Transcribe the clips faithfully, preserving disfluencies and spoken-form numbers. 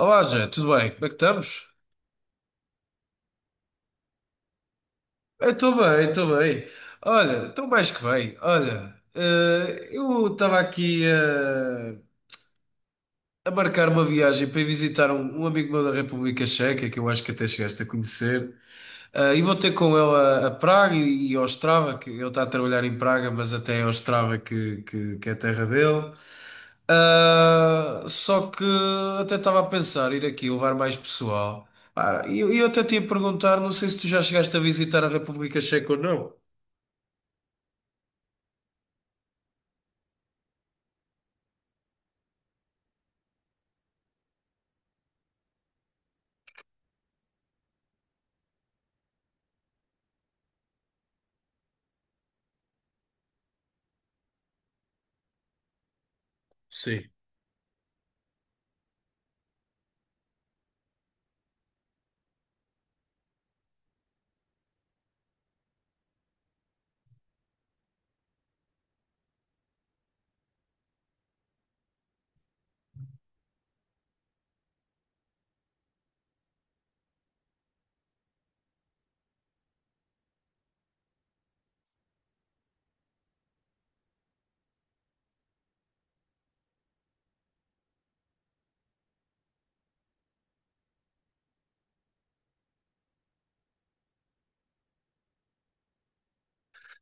Olá, Jé, tudo bem? Como é que estamos? Eu estou bem, estou bem. Olha, estou mais que bem. Olha, eh, eu estava aqui eh, a marcar uma viagem para ir visitar um, um amigo meu da República Checa, que eu acho que até chegaste a conhecer. Ah, e vou ter com ele a, a Praga e, e ao Ostrava, que ele está a trabalhar em Praga, mas até é Ostrava que, que, que é a terra dele. Ah, só que até estava a pensar ir aqui levar mais pessoal. Ah, e eu, eu até te ia perguntar, não sei se tu já chegaste a visitar a República Checa ou não. Sim.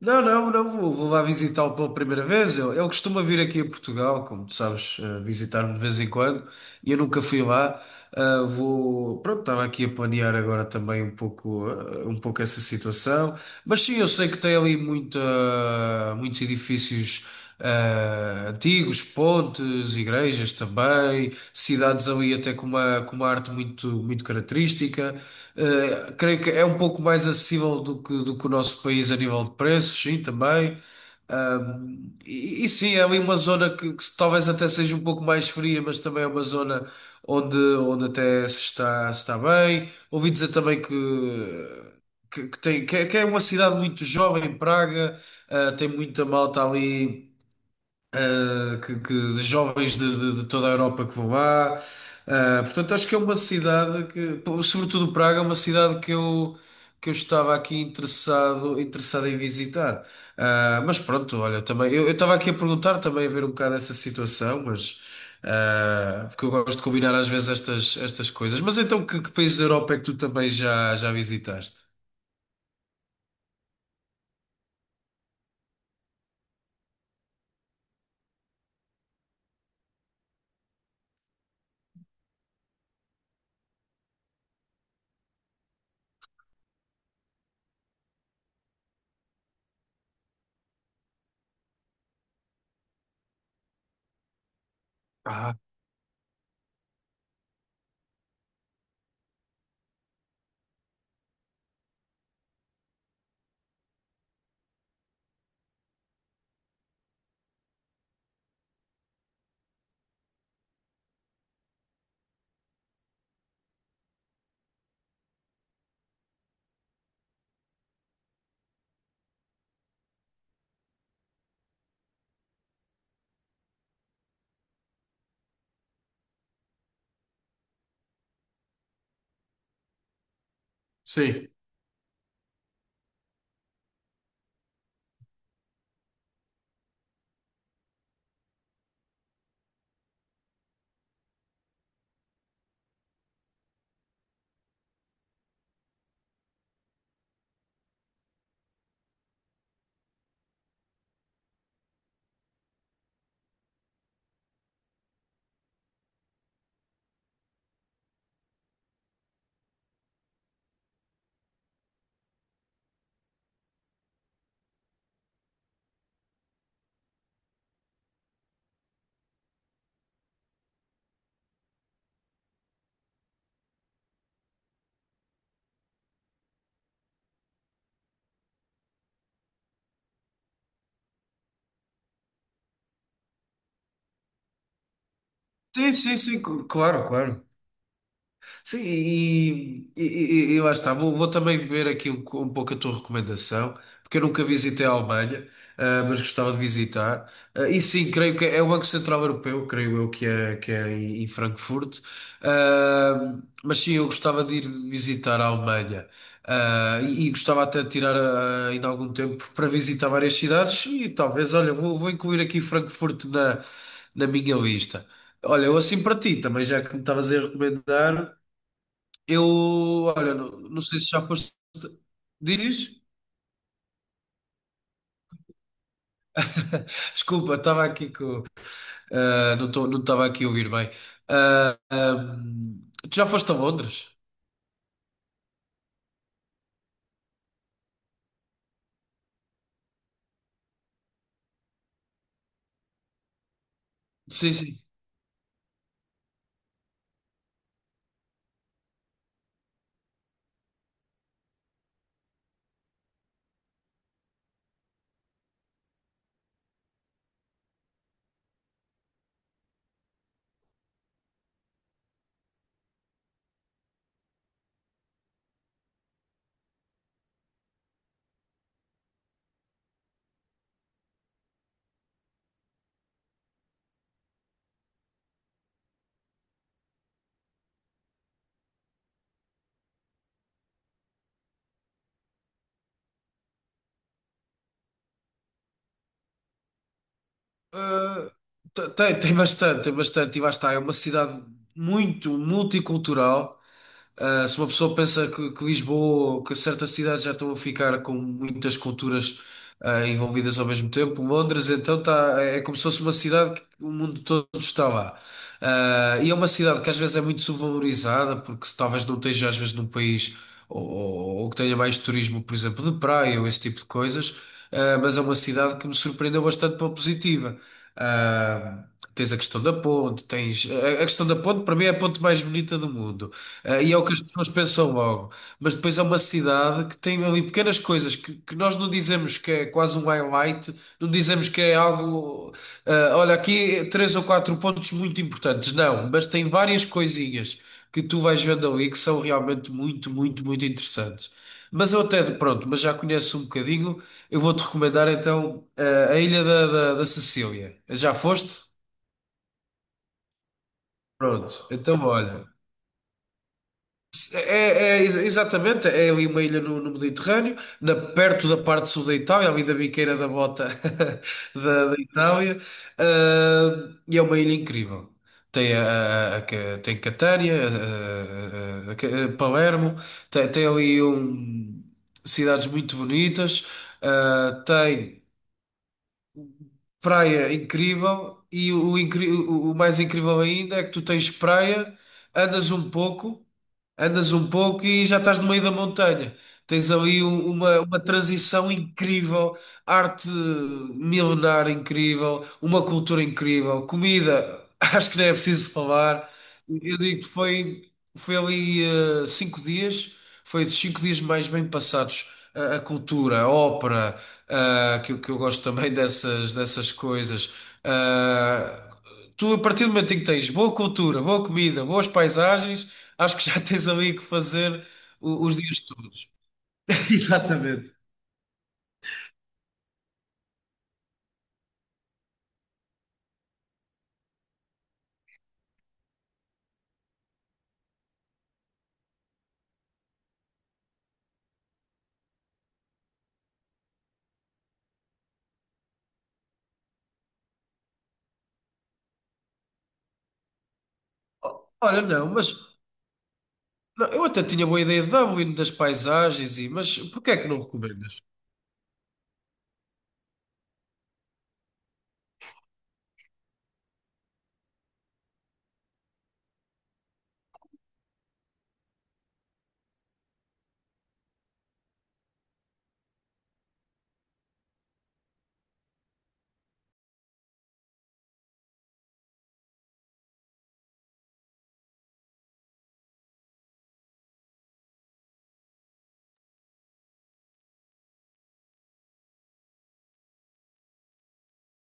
Não, não, não vou, vou lá visitá-lo pela primeira vez. Ele, ele costuma vir aqui a Portugal, como tu sabes, eh, visitar-me de vez em quando. E eu nunca fui lá. Ah, vou, pronto, estava aqui a planear agora também um pouco, ah, um pouco essa situação. Mas sim, eu sei que tem ali muita, muitos edifícios ah, antigos, pontes, igrejas também, cidades ali até com uma, com uma arte muito, muito característica. Ah, creio que é um pouco mais acessível do que, do que o nosso país a nível de preços, sim, também. Um, e, e sim, é ali uma zona que, que talvez até seja um pouco mais fria, mas também é uma zona onde, onde até se está, se está bem. Ouvi dizer também que, que, que tem, que, é que é uma cidade muito jovem, Praga, ah, tem muita malta ali uh, que, que- de jovens de, de- de toda a Europa que vão lá. Uh, portanto, acho que é uma cidade que, pô, sobretudo Praga, é uma cidade que eu, que eu estava aqui interessado, interessado em visitar. Uh, mas pronto, olha, também eu eu estava aqui a perguntar também a ver um bocado essa situação, mas uh, porque eu gosto de combinar às vezes estas, estas coisas. Mas então, que, que países da Europa é que tu também já, já visitaste? Ah, sim. Sim, sim, sim, cl- claro, claro. Sim, e, e, e- e lá está. Vou, vou também ver aqui um, um pouco a tua recomendação, porque eu nunca visitei a Alemanha, ah, mas gostava de visitar. Ah, e sim, creio que é o Banco Central Europeu, creio eu que é, que é em, em Frankfurt. Ah, mas sim, eu gostava de ir visitar a Alemanha. Ah, e, e gostava até de tirar ah, ainda algum tempo para visitar várias cidades e talvez, olha, vou, vou incluir aqui Frankfurt na, na minha lista. Olha, eu assim para ti também, já que me estavas a recomendar. Eu, olha, não, não sei se já foste. Dizes? Desculpa, estava aqui com. ah, não tô- não estava aqui a ouvir bem. Ah, ahm, Tu já foste a Londres? Sim, sim. Ah, te- Tem, tem bastante, tem bastante. E lá está, é uma cidade muito multicultural. Uh, se uma pessoa pensa que, que Lisboa ou que certas cidades já estão a ficar com muitas culturas uh, envolvidas ao mesmo tempo, Londres então tá, é é como se fosse uma cidade que o mundo todo está lá. Uh, e é uma cidade que às vezes é muito subvalorizada, porque se talvez não esteja às vezes num país ou, ou- ou que tenha mais turismo, por exemplo, de praia ou esse tipo de coisas, uh, mas é uma cidade que me surpreendeu bastante pela positiva. Uh, Tens a questão da ponte, tens... A a questão da ponte para mim é a ponte mais bonita do mundo. Ah, e é o que as pessoas pensam logo. Mas depois é uma cidade que tem ali pequenas coisas que, que nós não dizemos que é quase um highlight, não dizemos que é algo. Ah, olha, aqui três ou quatro pontos muito importantes. Não, mas tem várias coisinhas que tu vais vendo ali que são realmente muito, muito, muito interessantes. Mas eu até, pronto, mas já conheço um bocadinho, eu vou-te recomendar então ah, a Ilha da, da, da Sicília. Já foste? Pronto, então olha. É, é, ex- exatamente, é ali uma ilha no, no Mediterrâneo, na, perto da parte sul da Itália, ali da biqueira da bota da, da Itália, ah, e é uma ilha incrível. Tem, a, a- a Ca- tem Catânia, a- a- a Ca- a Palermo, tem, tem ali um, cidades muito bonitas, ah, tem praia incrível, e o, incri- o o mais incrível ainda é que tu tens praia, andas um pouco. Andas um pouco e já estás no meio da montanha. Tens ali um- uma, uma transição incrível, arte milenar incrível, uma cultura incrível, comida, acho que nem é preciso falar. Eu digo que foi, foi ali eh, cinco dias, foi dos cinco dias mais bem passados. A, a cultura, a ópera, ah, que, eu- que eu gosto também dessas, dessas coisas. Eh, tu, a partir do momento em que tens boa cultura, boa comida, boas paisagens, acho que já tens ali que fazer o- os dias todos. Exatamente. Olha, não, mas não, eu até tinha boa ideia de Dublin, das paisagens, e, mas porquê é que não recomendas?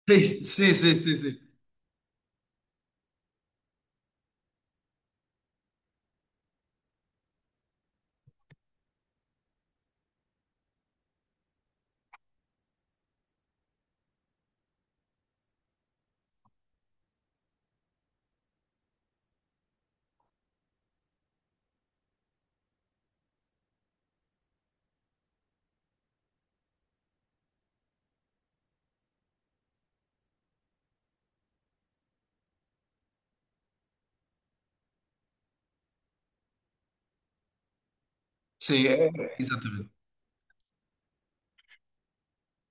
Sim, sim, sim, sim, sim. É, exatamente.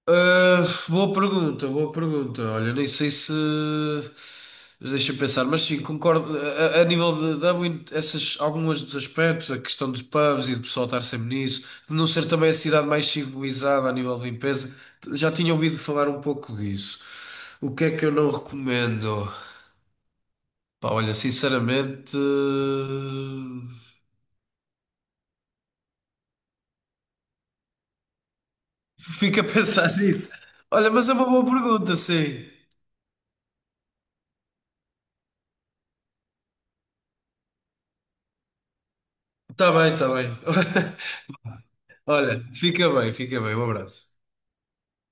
Ah, boa pergunta, boa pergunta. Olha, nem sei se. Mas deixa-me pensar, mas sim, concordo. A, a- a nível de, de algum- essas, alguns dos aspectos, a questão dos pubs e do pessoal estar sempre nisso, de não ser também a cidade mais civilizada a nível de limpeza, já tinha ouvido falar um pouco disso. O que é que eu não recomendo? Pá, olha, sinceramente, fica a pensar nisso. Olha, mas é uma boa pergunta, sim. Tá bem, tá bem. Olha, fica bem, fica bem. Um abraço.